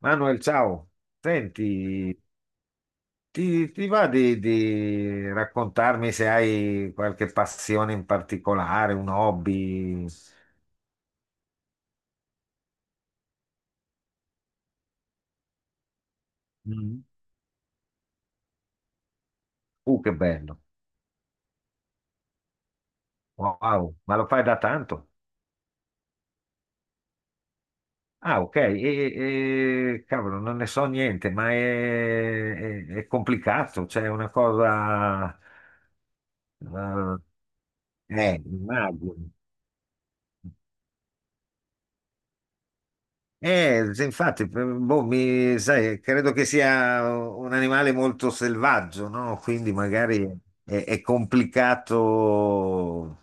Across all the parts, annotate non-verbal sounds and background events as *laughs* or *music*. Manuel, ciao. Senti, ti va di raccontarmi se hai qualche passione in particolare, un hobby? Mm. Che bello. Wow, ma lo fai da tanto? Ah, ok. E cavolo, non ne so niente, ma è complicato, cioè è una cosa. eh, Immagino. Sì, infatti, boh, sai, credo che sia un animale molto selvaggio, no? Quindi magari è complicato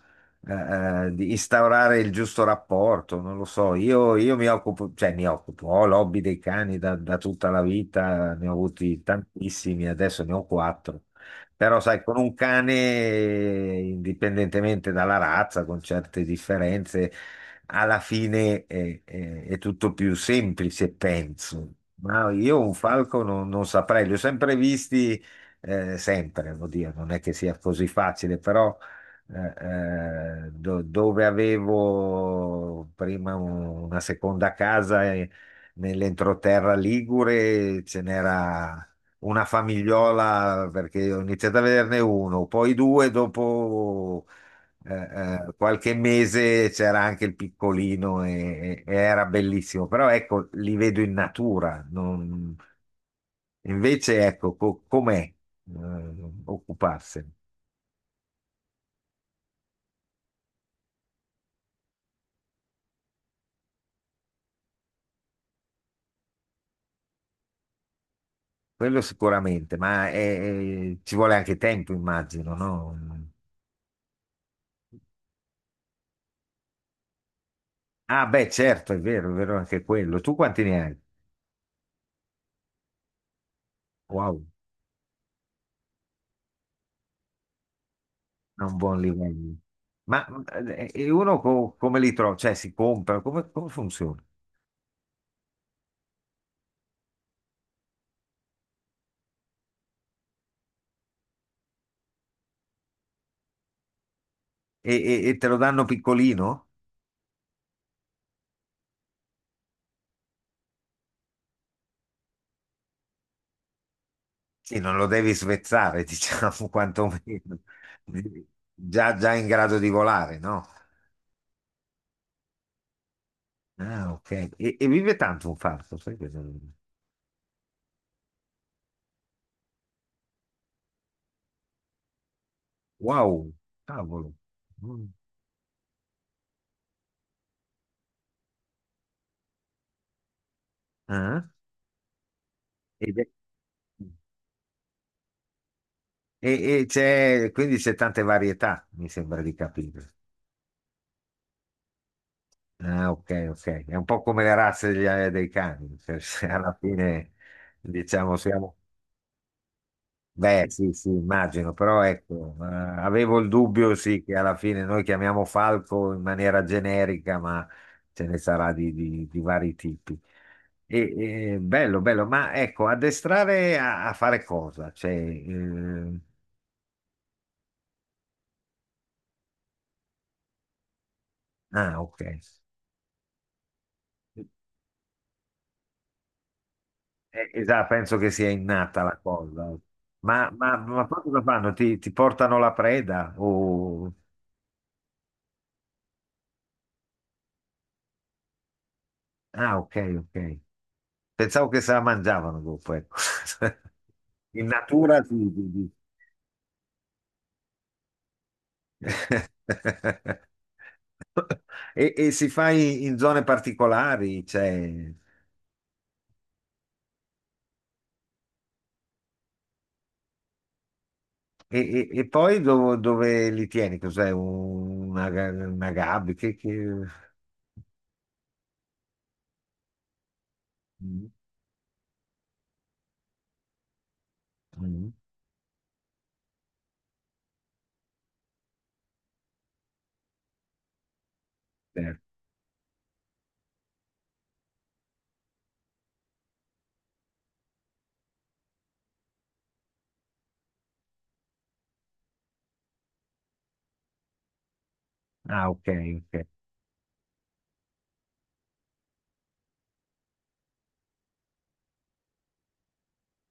eh, di instaurare il giusto rapporto, non lo so. Io cioè mi occupo, ho l'hobby dei cani da tutta la vita, ne ho avuti tantissimi, adesso ne ho quattro. Però, sai, con un cane, indipendentemente dalla razza, con certe differenze alla fine è tutto più semplice, penso. Ma io un falco non saprei, li ho sempre visti, sempre, vuol dire, non è che sia così facile, però dove avevo prima una seconda casa nell'entroterra Ligure ce n'era una famigliola perché ho iniziato a vederne uno, poi due dopo eh, qualche mese c'era anche il piccolino e, e era bellissimo, però ecco, li vedo in natura. Invece, ecco, com'è occuparsene? Quello sicuramente, ma ci vuole anche tempo, immagino, no? Ah, beh, certo, è vero anche quello. Tu quanti ne hai? Wow, è un buon livello. Ma e uno come li trova? Cioè, si compra? Come funziona? E te lo danno piccolino? Sì, non lo devi svezzare, *laughs* diciamo, quantomeno. Già, già in grado di volare, no? Ah, ok. E vive tanto un falco, sai che Wow, cavolo. Mm. Ah. ed è- E, e c'è, Quindi c'è tante varietà, mi sembra di capire. Ah, ok, ok. È un po' come le razze dei cani, cioè, *laughs* se alla fine, diciamo, siamo. Beh, sì, sì, immagino, però ecco, avevo il dubbio, sì, che alla fine noi chiamiamo falco in maniera generica, ma ce ne sarà di vari tipi. E, bello, bello, ma ecco, addestrare a fare cosa? Cioè, ah, ok. Esatto, penso che sia innata la cosa. Ma poi cosa fanno? Ti portano la preda? O. Ah, ok, ok. Pensavo che se la mangiavano dopo, ecco. *laughs* In natura sì, sì, sì. *laughs* E si fa in zone particolari, cioè, e poi dove li tieni? Cos'è? Una, una gabbia? Che. Mm, mm, certo. Ah, ok, ok,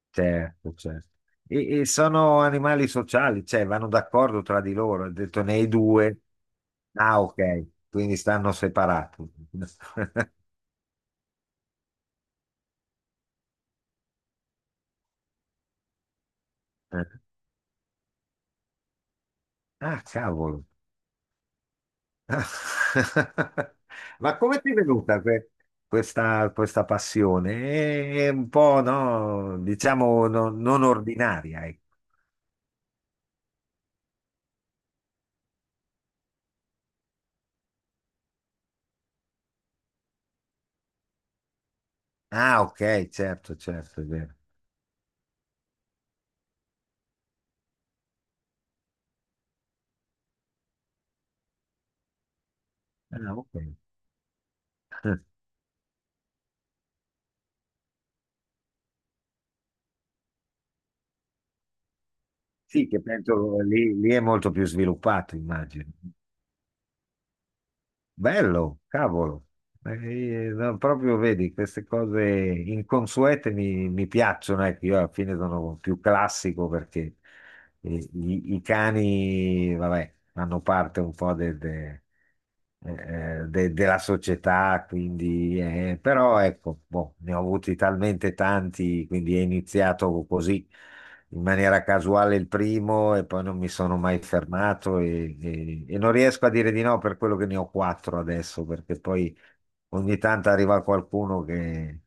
certo, certo. E sono animali sociali, cioè vanno d'accordo tra di loro. Ha detto ne hai due. Ah, ok, quindi stanno separati. *laughs* Ah, cavolo. Ah. *laughs* Ma come ti è venuta questa passione? È un po', no, diciamo, non ordinaria, ecco. Ah, ok, certo, certo, è vero. Ah, ok. Sì, che penso lì è molto più sviluppato, immagino. Bello, cavolo. Eh, eh, no, proprio vedi, queste cose inconsuete mi piacciono, ecco, io alla fine sono più classico perché i cani, vabbè, fanno parte un po' della società, quindi, però ecco, boh, ne ho avuti talmente tanti, quindi è iniziato così in maniera casuale il primo e poi non mi sono mai fermato e non riesco a dire di no per quello che ne ho quattro adesso, perché poi ogni tanto arriva qualcuno che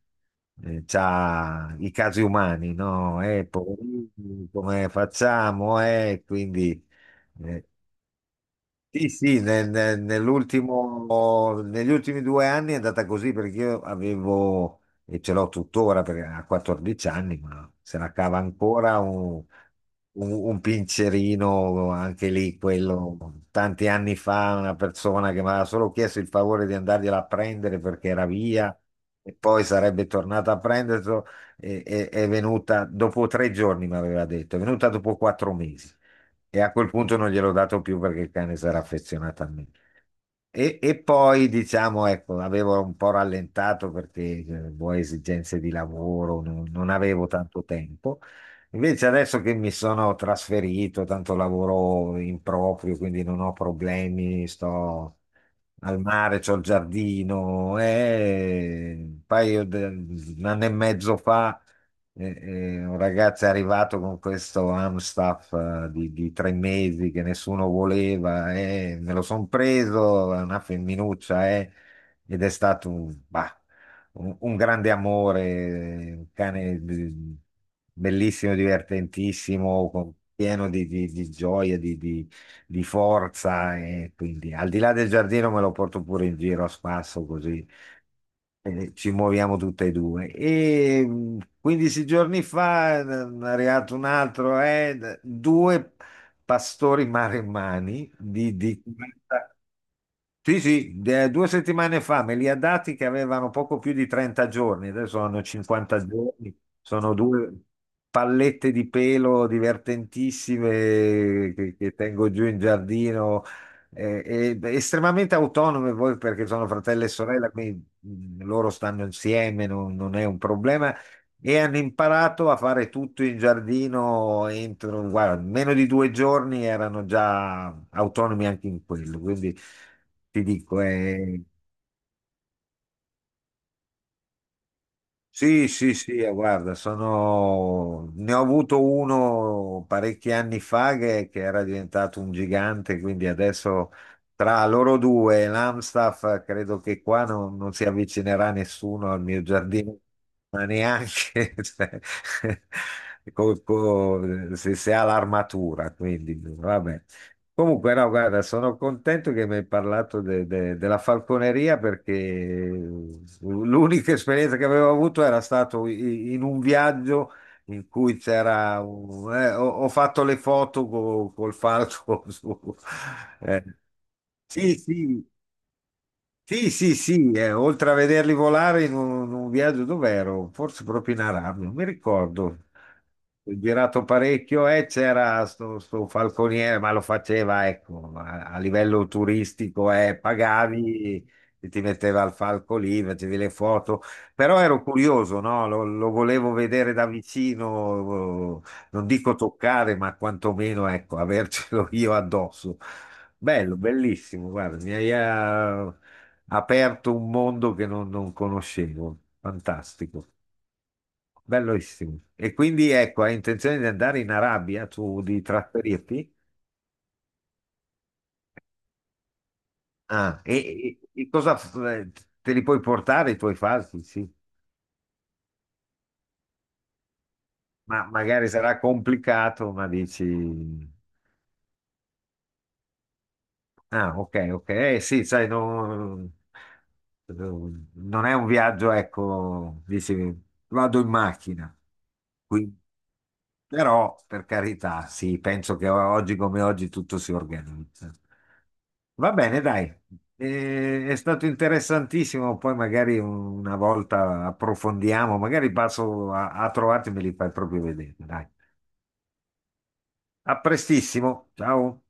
ha i casi umani, no? Poverini, come facciamo? Quindi. eh, sì, sì, negli ultimi 2 anni è andata così perché io avevo, e ce l'ho tuttora perché ha 14 anni, ma se la cava ancora un pincerino, anche lì quello, tanti anni fa una persona che mi aveva solo chiesto il favore di andargliela a prendere perché era via e poi sarebbe tornata a prenderlo, è venuta dopo 3 giorni, mi aveva detto, è venuta dopo 4 mesi. E a quel punto non gliel'ho dato più perché il cane si era affezionato a me. E poi, diciamo, ecco, avevo un po' rallentato perché boh, esigenze di lavoro, non avevo tanto tempo. Invece adesso che mi sono trasferito, tanto lavoro in proprio, quindi non ho problemi, sto al mare, c'ho il giardino, e un paio di un anno e mezzo fa un ragazzo è arrivato con questo Amstaff di 3 mesi che nessuno voleva, me lo son preso, è una femminuccia, ed è stato bah, un grande amore, un cane bellissimo, divertentissimo, pieno di gioia, di forza, e quindi al di là del giardino me lo porto pure in giro a spasso così. Ci muoviamo tutte e due. E 15 giorni fa è arrivato un altro, due pastori maremmani di 40. Sì, sì, 2 settimane fa me li ha dati che avevano poco più di 30 giorni, adesso hanno 50 giorni, sono due pallette di pelo divertentissime che tengo giù in giardino, eh, estremamente autonome voi perché sono fratello e sorella, quindi loro stanno insieme, non è un problema, e hanno imparato a fare tutto in giardino entro, guarda, meno di 2 giorni erano già autonomi anche in quello. Quindi ti dico. È Sì, sì, sì, guarda, sono. Ne ho avuto uno parecchi anni fa che era diventato un gigante, quindi adesso tra loro due e l'Amstaff credo che qua non si avvicinerà nessuno al mio giardino, ma neanche *laughs* cioè, *laughs* se ha l'armatura, quindi vabbè. Comunque, no, guarda, sono contento che mi hai parlato della falconeria perché l'unica esperienza che avevo avuto era stato in un viaggio in cui c'era ho fatto le foto col falco *laughs* eh, sì, sì, sì, sì, sì, oltre a vederli volare in un viaggio dov'ero, forse proprio in Arabia, non mi ricordo. Ho girato parecchio e c'era sto falconiere, ma lo faceva, ecco, a livello turistico, pagavi e ti metteva al falco lì, facevi le foto, però ero curioso, no? Lo volevo vedere da vicino, non dico toccare, ma quantomeno, ecco, avercelo *laughs* io addosso. Bello, bellissimo, guarda, mi hai aperto un mondo che non conoscevo. Fantastico, bellissimo. E quindi ecco, hai intenzione di andare in Arabia, tu di trasferirti? Ah, e cosa te li puoi portare i tuoi falchi? Sì, ma magari sarà complicato, ma dici. Ah, ok, ok. Sì, sai, non è un viaggio, ecco, dici, vado in macchina. Qui. Però, per carità, sì, penso che oggi come oggi tutto si organizza. Va bene, dai. È stato interessantissimo. Poi magari una volta approfondiamo, magari passo a trovarti e me li fai proprio vedere. Dai. A prestissimo, ciao.